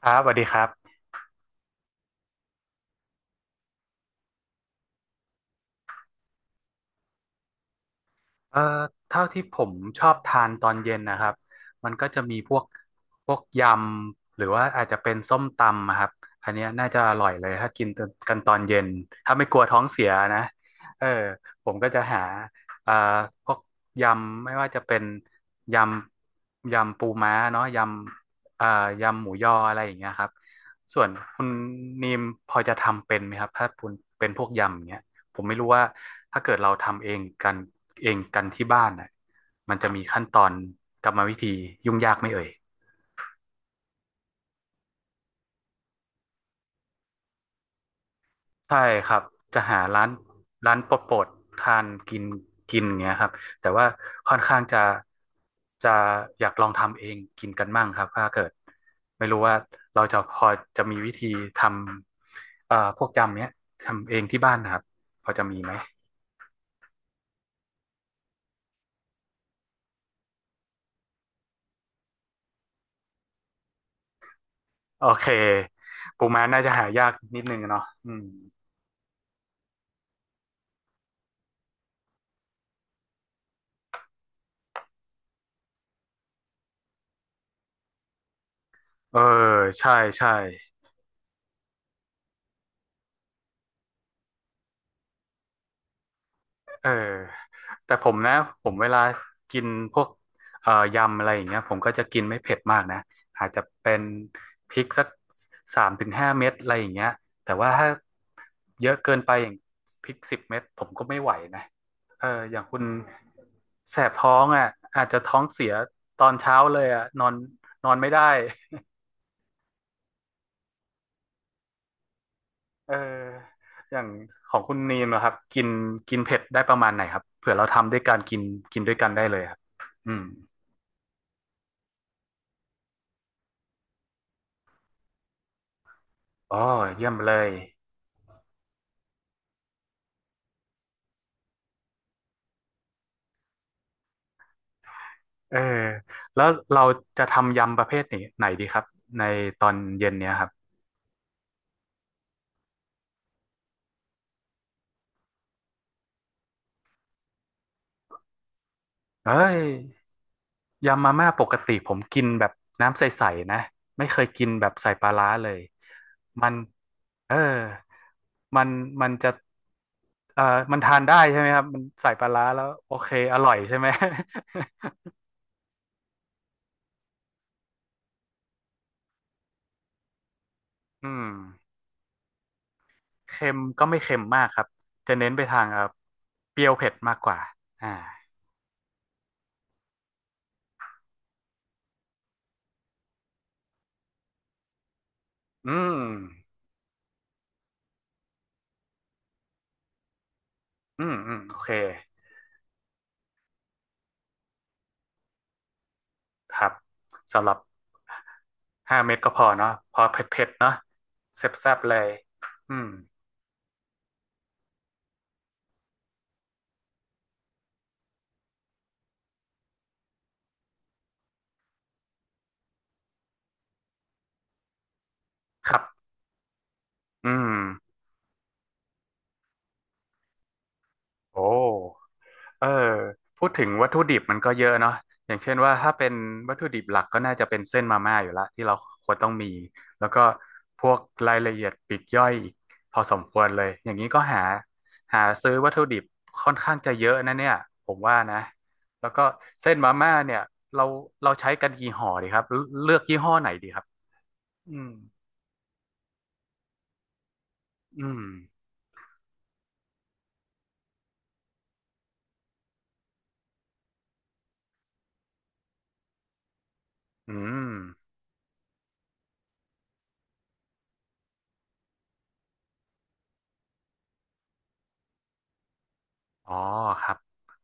ครับสวัสดีครับเอ่อเท่าที่ผมชอบทานตอนเย็นนะครับมันก็จะมีพวกยำหรือว่าอาจจะเป็นส้มตำอะครับอันเนี้ยน่าจะอร่อยเลยถ้ากินกันตอนเย็นถ้าไม่กลัวท้องเสียนะเออผมก็จะหาเอ่อพวกยำไม่ว่าจะเป็นยยำปูม้าเนาะยำยำหมูยออะไรอย่างเงี้ยครับส่วนคุณนีมพอจะทำเป็นไหมครับถ้าคุณเป็นพวกยำอย่างเงี้ย ผมไม่รู้ว่าถ้าเกิดเราทำเองกันที่บ้านน่ะมันจะมีขั้นตอนกรรมวิธียุ่งยากไหม่เอ่ยใช่ครับจะหาร้านโปรดๆทานกินกินอย่างเงี้ยครับแต่ว่าค่อนข้างจะอยากลองทำเองกินกันมั่งครับถ้าเกิดไม่รู้ว่าเราจะพอจะมีวิธีทำพวกยำเนี้ยทำเองที่บ้านนะครับพอจะมีไหมโอเคปูม้าน่าจะหายากนิดนึงอะเนาะอืม เออใช่ใช่เออแต่ผมนะผมเวลากินพวกยำอะไรอย่างเงี้ยผมก็จะกินไม่เผ็ดมากนะอาจจะเป็นพริกสักสามถึงห้าเม็ดอะไรอย่างเงี้ยแต่ว่าถ้าเยอะเกินไปอย่างพริกสิบเม็ดผมก็ไม่ไหวนะเอออย่างคุณแสบท้องอ่ะอาจจะท้องเสียตอนเช้าเลยอ่ะนอนนอนไม่ได้ เอออย่างของคุณนีมนะครับกินกินเผ็ดได้ประมาณไหนครับเผื่อเราทำด้วยการกินกินด้วยกันได้เลยครับอืมอ๋อเยี่ยมเลยเออแล้วเราจะทำยำประเภทไหนดีครับในตอนเย็นเนี้ยครับเอ้ยยำมาม่าปกติผมกินแบบน้ำใสๆนะไม่เคยกินแบบใส่ปลาร้าเลยมันเออมันมันจะเอ่อมันทานได้ใช่ไหมครับมันใส่ปลาร้าแล้วโอเคอร่อยใช่ไหม อืมเค็มก็ไม่เค็มมากครับ จะเน้นไปทางครับเปรี้ยวเผ็ดมากกว่าอ่าอืม อืม อืม โอเค ครับ สำหรับห้าเม็ดก็พอเนาะพอเผ็ดเผ็ดเนาะแซ่บๆ เลย อืม ครับ อืม โอ้ เออพูดถึงวัตถุดิบมันก็เยอะเนาะอย่างเช่นว่าถ้าเป็นวัตถุดิบหลักก็น่าจะเป็นเส้นมาม่าอยู่ละที่เราควรต้องมีแล้วก็พวกรายละเอียดปลีกย่อยอีกพอสมควรเลยอย่างนี้ก็หาซื้อวัตถุดิบค่อนข้างจะเยอะนะเนี่ยผมว่านะแล้วก็เส้นมาม่าเนี่ยเราเราใช้กันกี่ห่อดีครับเลือกยี่ห้อไหนดีครับอืมอืมอืมอ๋อครับ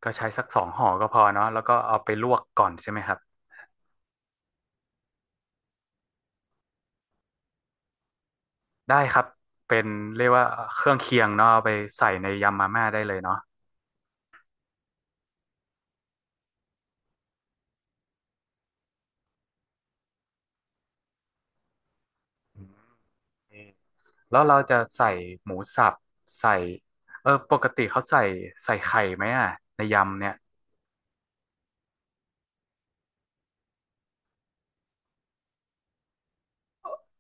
ก็ใช้สักสองห่อก็พอเนาะแล้วก็เอาไปลวกก่อนใช่ไหมครับ ได้ครับเป็นเรียกว่าเครื่องเคียงเนาะเอาไปใส่ในยำมาม่าได้เลยเนาะอืมแล้วเราจะใส่หมูสับใส่เออปกติเขาใส่ไข่ไหมอ่ะในยำเนี่ย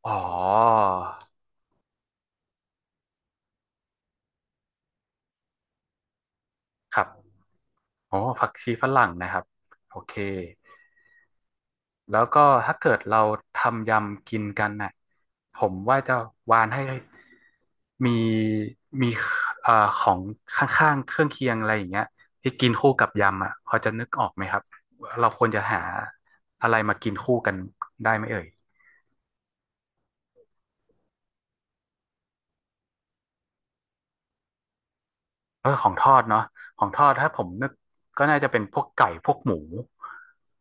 อ๋อครับโอ้ผักชีฝรั่งนะครับโอเค แล้วก็ถ้าเกิดเราทำยำกินกันน่ะผมว่าจะวานให้มีมีเอ่อของข้างๆเครื่องเคียงอะไรอย่างเงี้ยที่กินคู่กับยำอ่ะพอจะนึกออกไหมครับเราควรจะหาอะไรมากินคู่กันได้ไหมเอ่ยเออของทอดเนาะของทอดถ้าผมนึกก็น่าจะเป็นพวกไก่พวกหมู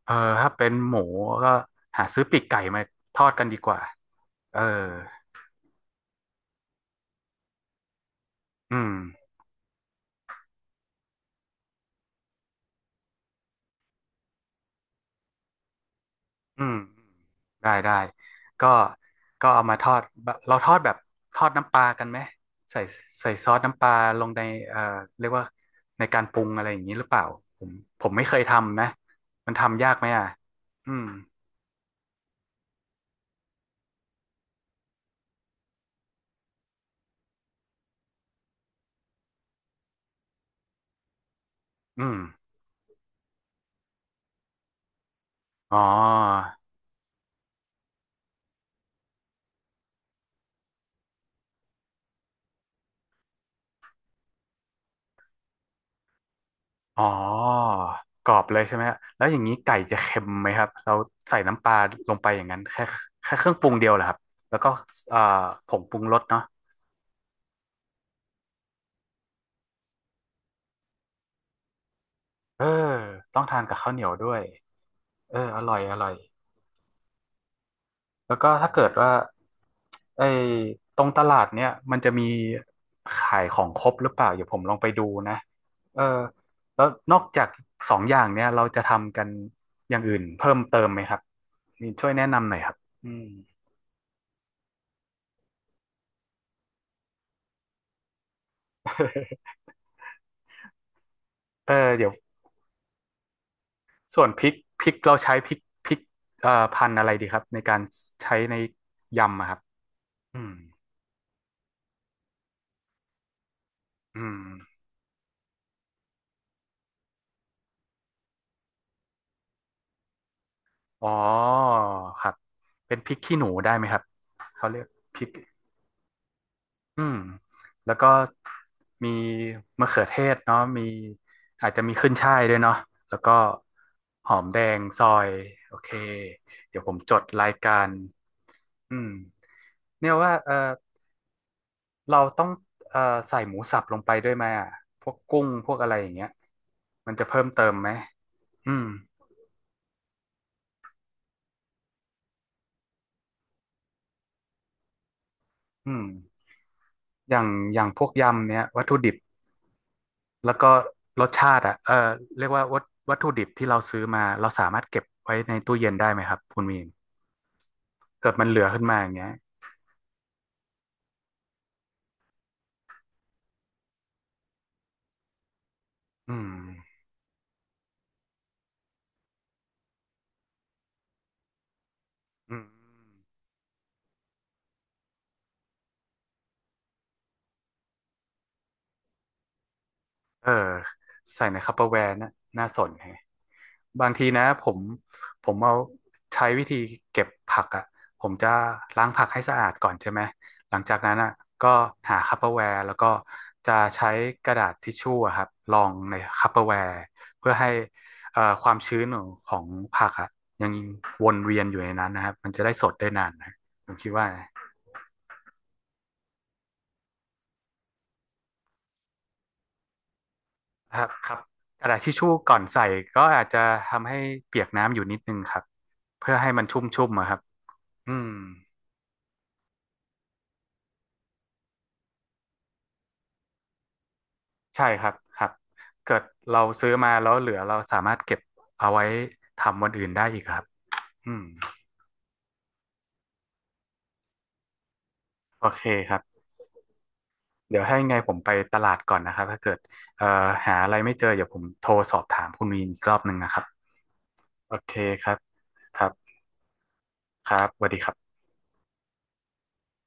เออถ้าเป็นหมูก็หาซื้อปีกไก่มาทอดกันดีกว่าเอออืม อืมได้ได้ก็ก็เอามาทอดแบบทอดน้ำปลากันไหมใส่ใส่ซอสน้ำปลาลงในเอ่อเรียกว่าในการปรุงอะไรอย่างนี้หรือเปล่าผมผมไม่เคยทำนะมันทำยากไหมอ่ะอืมอืมอ๋ออ๋อกรอบเลยใช่ไหมฮะแล้วอย่างนี้ไก่จะเค็มไหมครับเราใส่น้ำปลาลงไปอย่างนั้นแค่เครื่องปรุงเดียวเหรอครับแล้วก็เอ่อผงปรุงรสเนาะเออต้องทานกับข้าวเหนียวด้วยเอออร่อย แล้วก็ถ้าเกิดว่าไอ้ตรงตลาดเนี่ยมันจะมีขายของครบหรือเปล่าเดี๋ยวผมลองไปดูนะเออแล้วนอกจากสองอย่างเนี่ยเราจะทำกันอย่างอื่นเพิ่มเติมไหมครับนี่ช่วยแนะนำหน่อยครับอืม เออเดี๋ยวส่วนพริกเราใช้พริกพันธุ์อะไรดีครับในการใช้ในยำอะครับอืมอืมอ๋อครับเป็นพริกขี้หนูได้ไหมครับเขาเรียกพริก อืมแล้วก็มีมะเขือเทศเนาะมีอาจจะมีขึ้นฉ่ายด้วยเนาะแล้วก็หอมแดงซอยโอเคเดี๋ยวผมจดรายการอืมเนี่ยว่าเออเราต้องเออใส่หมูสับลงไปด้วยไหมอ่ะพวกกุ้งพวกอะไรอย่างเงี้ยมันจะเพิ่มเติมไหมอืมอืมอย่างอย่างพวกยำเนี้ยวัตถุดิบ แล้วก็รสชาติอ่ะเออเรียกว่าวัตถุดิบที่เราซื้อมาเราสามารถเก็บไว้ในตู้เย็นได้ไหมครับคุณมีนเกิดมันเหลือขึ้นมาอย่างเงี้ยอืมอืม เออใส่ในคัปเปอร์แวร์น่ะน่าสนแฮะบางทีนะผมเอาใช้วิธีเก็บผักอ่ะผมจะล้างผักให้สะอาดก่อนใช่ไหมหลังจากนั้นอ่ะก็หาคัปเปอร์แวร์แล้วก็จะใช้กระดาษทิชชู่อะครับรองในคัปเปอร์แวร์เพื่อให้ความชื้นของผักอ่ะยังวนเวียนอยู่ในนั้นนะครับมันจะได้สดได้นานนะผมคิดว่านะ ครับครับกระดาษทิชชู่ก่อนใส่ก็อาจจะทำให้เปียกน้ำอยู่นิดนึงครับเพื่อให้มันชุ่มอะครับอืมใช่ครับครับเกิดเราซื้อมาแล้วเหลือเราสามารถเก็บเอาไว้ทำวันอื่นได้อีกครับอืมโอเคครับเดี๋ยวให้ไงผมไปตลาดก่อนนะครับถ้าเกิดเอ่อหาอะไรไม่เจอเดี๋ยวผมโทรสอบถามคุณมีนอีกรอบหนึ่งนะครับโอเคครับครับครับสวัสดีครับ